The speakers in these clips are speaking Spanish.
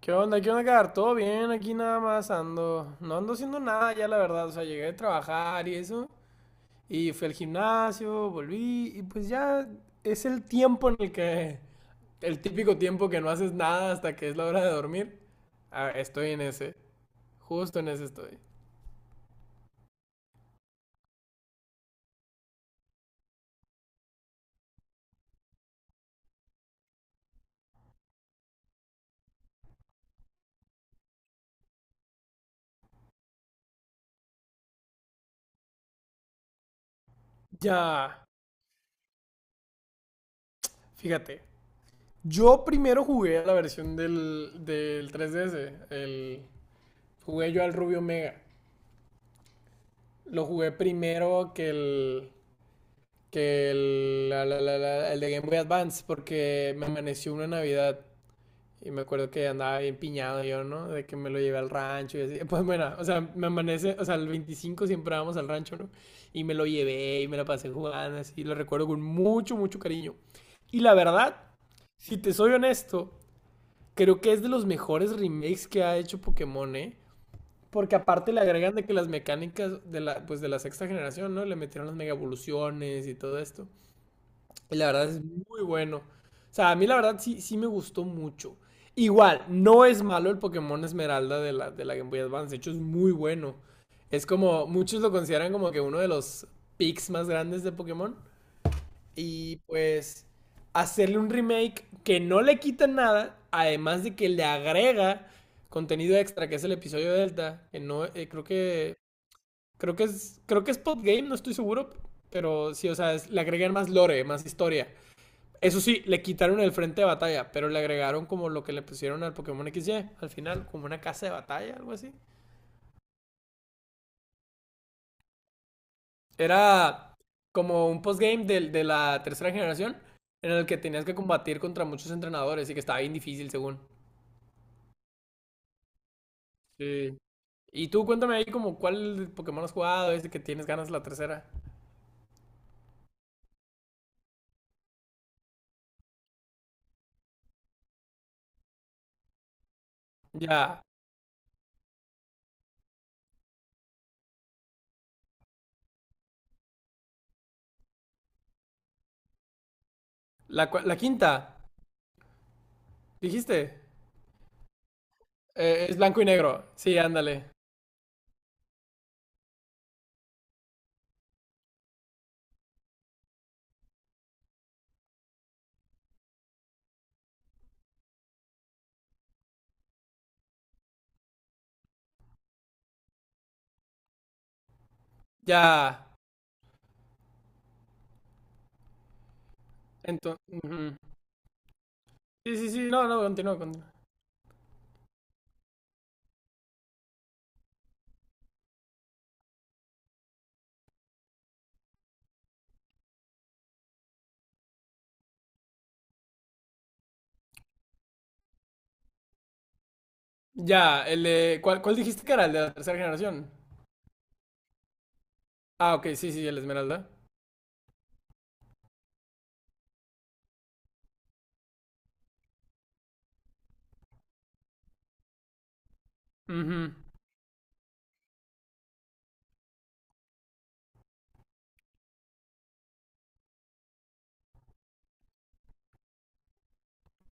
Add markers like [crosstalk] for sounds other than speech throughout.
¿Qué onda? ¿Qué onda, Edgar? ¿Todo bien? Aquí nada más ando. No ando haciendo nada ya, la verdad. O sea, llegué de trabajar y eso. Y fui al gimnasio, volví. Y pues ya es el tiempo en el que. El típico tiempo que no haces nada hasta que es la hora de dormir. Ah, estoy en ese. Justo en ese estoy. Ya. Fíjate. Yo primero jugué a la versión del 3DS. El, jugué yo al Rubio Mega. Lo jugué primero que el. Que el, el de Game Boy Advance, porque me amaneció una Navidad y me acuerdo que andaba bien piñado yo, ¿no? De que me lo llevé al rancho y así. Pues bueno, o sea, me amanece, o sea, el 25 siempre vamos al rancho, ¿no? Y me lo llevé y me la pasé jugando, así, lo recuerdo con mucho, mucho cariño. Y la verdad, si te soy honesto, creo que es de los mejores remakes que ha hecho Pokémon, ¿eh? Porque aparte le agregan de que las mecánicas pues de la sexta generación, ¿no? Le metieron las mega evoluciones y todo esto. Y la verdad es muy bueno. O sea, a mí la verdad sí, sí me gustó mucho. Igual, no es malo el Pokémon Esmeralda de la Game Boy Advance. De hecho, es muy bueno. Es como, muchos lo consideran como que uno de los picks más grandes de Pokémon. Y pues, hacerle un remake que no le quita nada, además de que le agrega contenido extra, que es el episodio Delta, que no, creo que es Pop Game, no estoy seguro, pero sí, o sea, es- le agregan más lore, más historia. Eso sí, le quitaron el frente de batalla, pero le agregaron como lo que le pusieron al Pokémon XY al final, como una casa de batalla, algo así. Era como un postgame de la tercera generación en el que tenías que combatir contra muchos entrenadores y que estaba bien difícil según. Sí. Y tú cuéntame ahí como cuál Pokémon has jugado, este que tienes ganas la tercera. Ya, la, cua- la quinta, dijiste, es blanco y negro. Sí, ándale. Ya, entonces... Sí, sí, sí, no, no, continúa, continúa. Ya, el de- ¿cuál dijiste que era? ¿El de la tercera generación? Ah, ok, sí, sí, el Esmeralda. Ujú.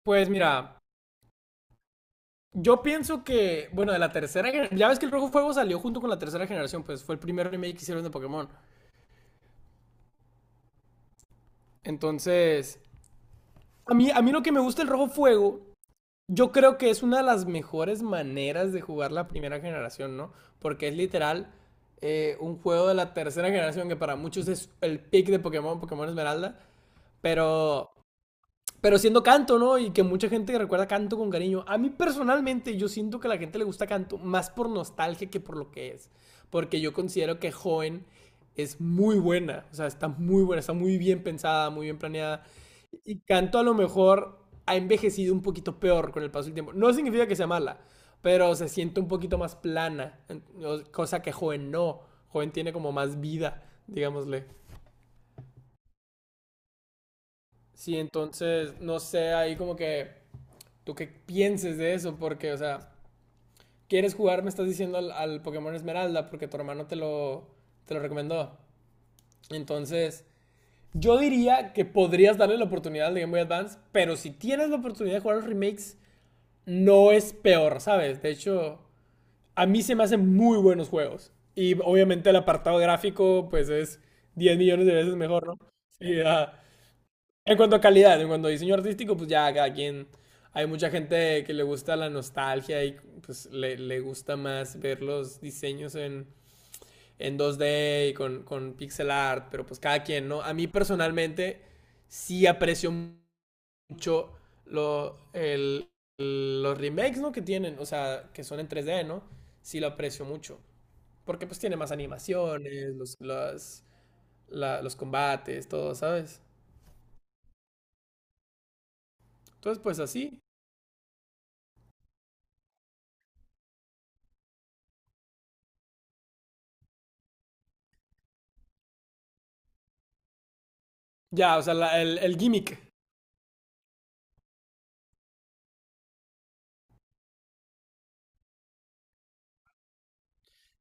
Pues mira, yo pienso que, bueno, de la tercera generación, ya ves que el Rojo Fuego salió junto con la tercera generación, pues fue el primer remake que hicieron de Pokémon. Entonces, a mí lo que me gusta el Rojo Fuego, yo creo que es una de las mejores maneras de jugar la primera generación, ¿no? Porque es literal un juego de la tercera generación que para muchos es el pick de Pokémon, Pokémon Esmeralda, pero... Pero siendo canto, ¿no? Y que mucha gente recuerda canto con cariño. A mí personalmente yo siento que a la gente le gusta canto más por nostalgia que por lo que es. Porque yo considero que joven es muy buena. O sea, está muy buena, está muy bien pensada, muy bien planeada. Y canto a lo mejor ha envejecido un poquito peor con el paso del tiempo. No significa que sea mala, pero se siente un poquito más plana. Cosa que joven no. Joven tiene como más vida, digámosle. Sí, entonces, no sé, ahí como que tú qué pienses de eso, porque, o sea, quieres jugar, me estás diciendo al Pokémon Esmeralda, porque tu hermano te lo recomendó. Entonces, yo diría que podrías darle la oportunidad al de Game Boy Advance, pero si tienes la oportunidad de jugar los remakes, no es peor, ¿sabes? De hecho, a mí se me hacen muy buenos juegos. Y obviamente el apartado gráfico, pues es 10 millones de veces mejor, ¿no? Sí, ah, en cuanto a calidad, en cuanto a diseño artístico, pues ya cada quien. Hay mucha gente que le gusta la nostalgia y pues le gusta más ver los diseños en 2D y con pixel art, pero pues cada quien, ¿no? A mí personalmente sí aprecio mucho lo, el- los remakes, ¿no? Que tienen, o sea, que son en 3D, ¿no? Sí lo aprecio mucho. Porque pues tiene más animaciones, los combates, todo, ¿sabes? Entonces, pues así. Ya, o sea, el gimmick.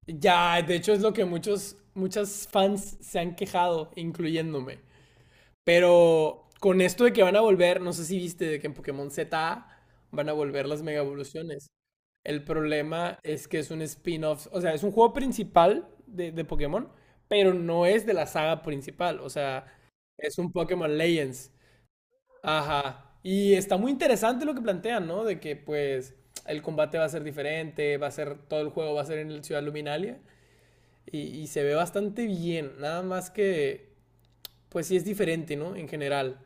Ya, de hecho es lo que muchos, muchas fans se han quejado, incluyéndome. Pero con esto de que van a volver, no sé si viste de que en Pokémon Z van a volver las mega evoluciones. El problema es que es un spin-off, o sea, es un juego principal de Pokémon, pero no es de la saga principal, o sea, es un Pokémon Legends. Ajá. Y está muy interesante lo que plantean, ¿no? De que pues el combate va a ser diferente, va a ser, todo el juego va a ser en el Ciudad Luminalia y se ve bastante bien, nada más que pues sí es diferente, ¿no? En general.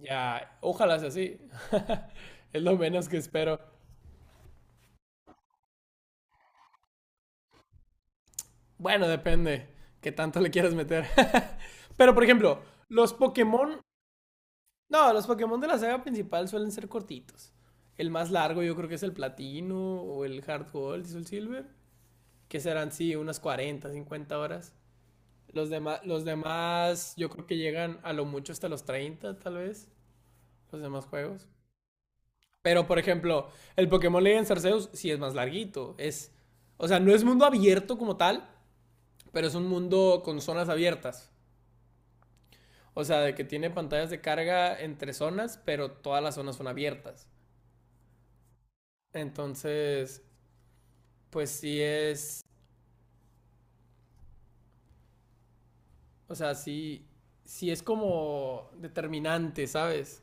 Ya, ojalá sea así. [laughs] Es lo menos que espero. Bueno, depende qué tanto le quieras meter. [laughs] Pero por ejemplo, los Pokémon, no, los Pokémon de la saga principal suelen ser cortitos. El más largo yo creo que es el Platino o el Hard Gold y el Silver. Que serán, sí, unas 40 50 horas. Los demás, yo creo que llegan a lo mucho hasta los 30 tal vez, los demás juegos. Pero, por ejemplo, el Pokémon Legends Arceus sí es más larguito. Es, o sea, no es mundo abierto como tal, pero es un mundo con zonas abiertas. O sea, de que tiene pantallas de carga entre zonas, pero todas las zonas son abiertas. Entonces, pues sí es, o sea, sí, sí es como determinante, ¿sabes?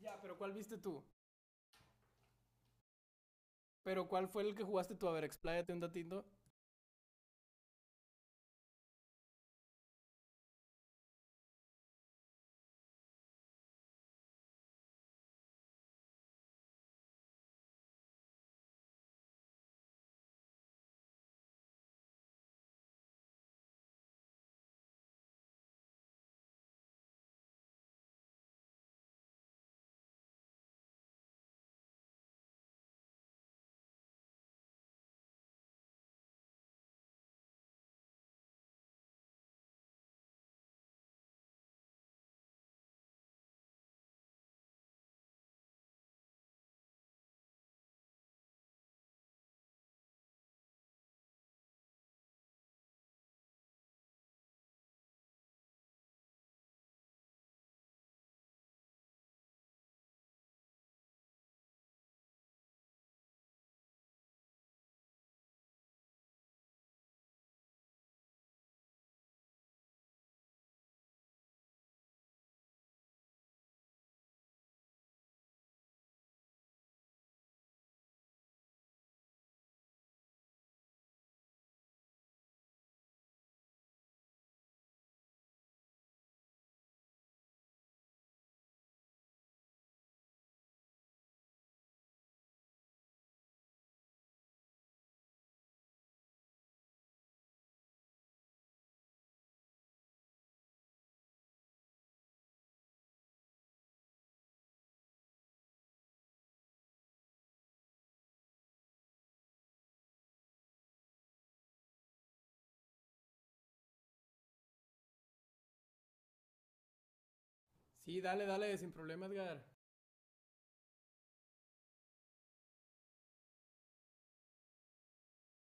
Ya, pero ¿cuál viste tú? Pero ¿cuál fue el que jugaste tú? A ver, expláyate un datito. Sí, dale, dale, sin problema, Edgar.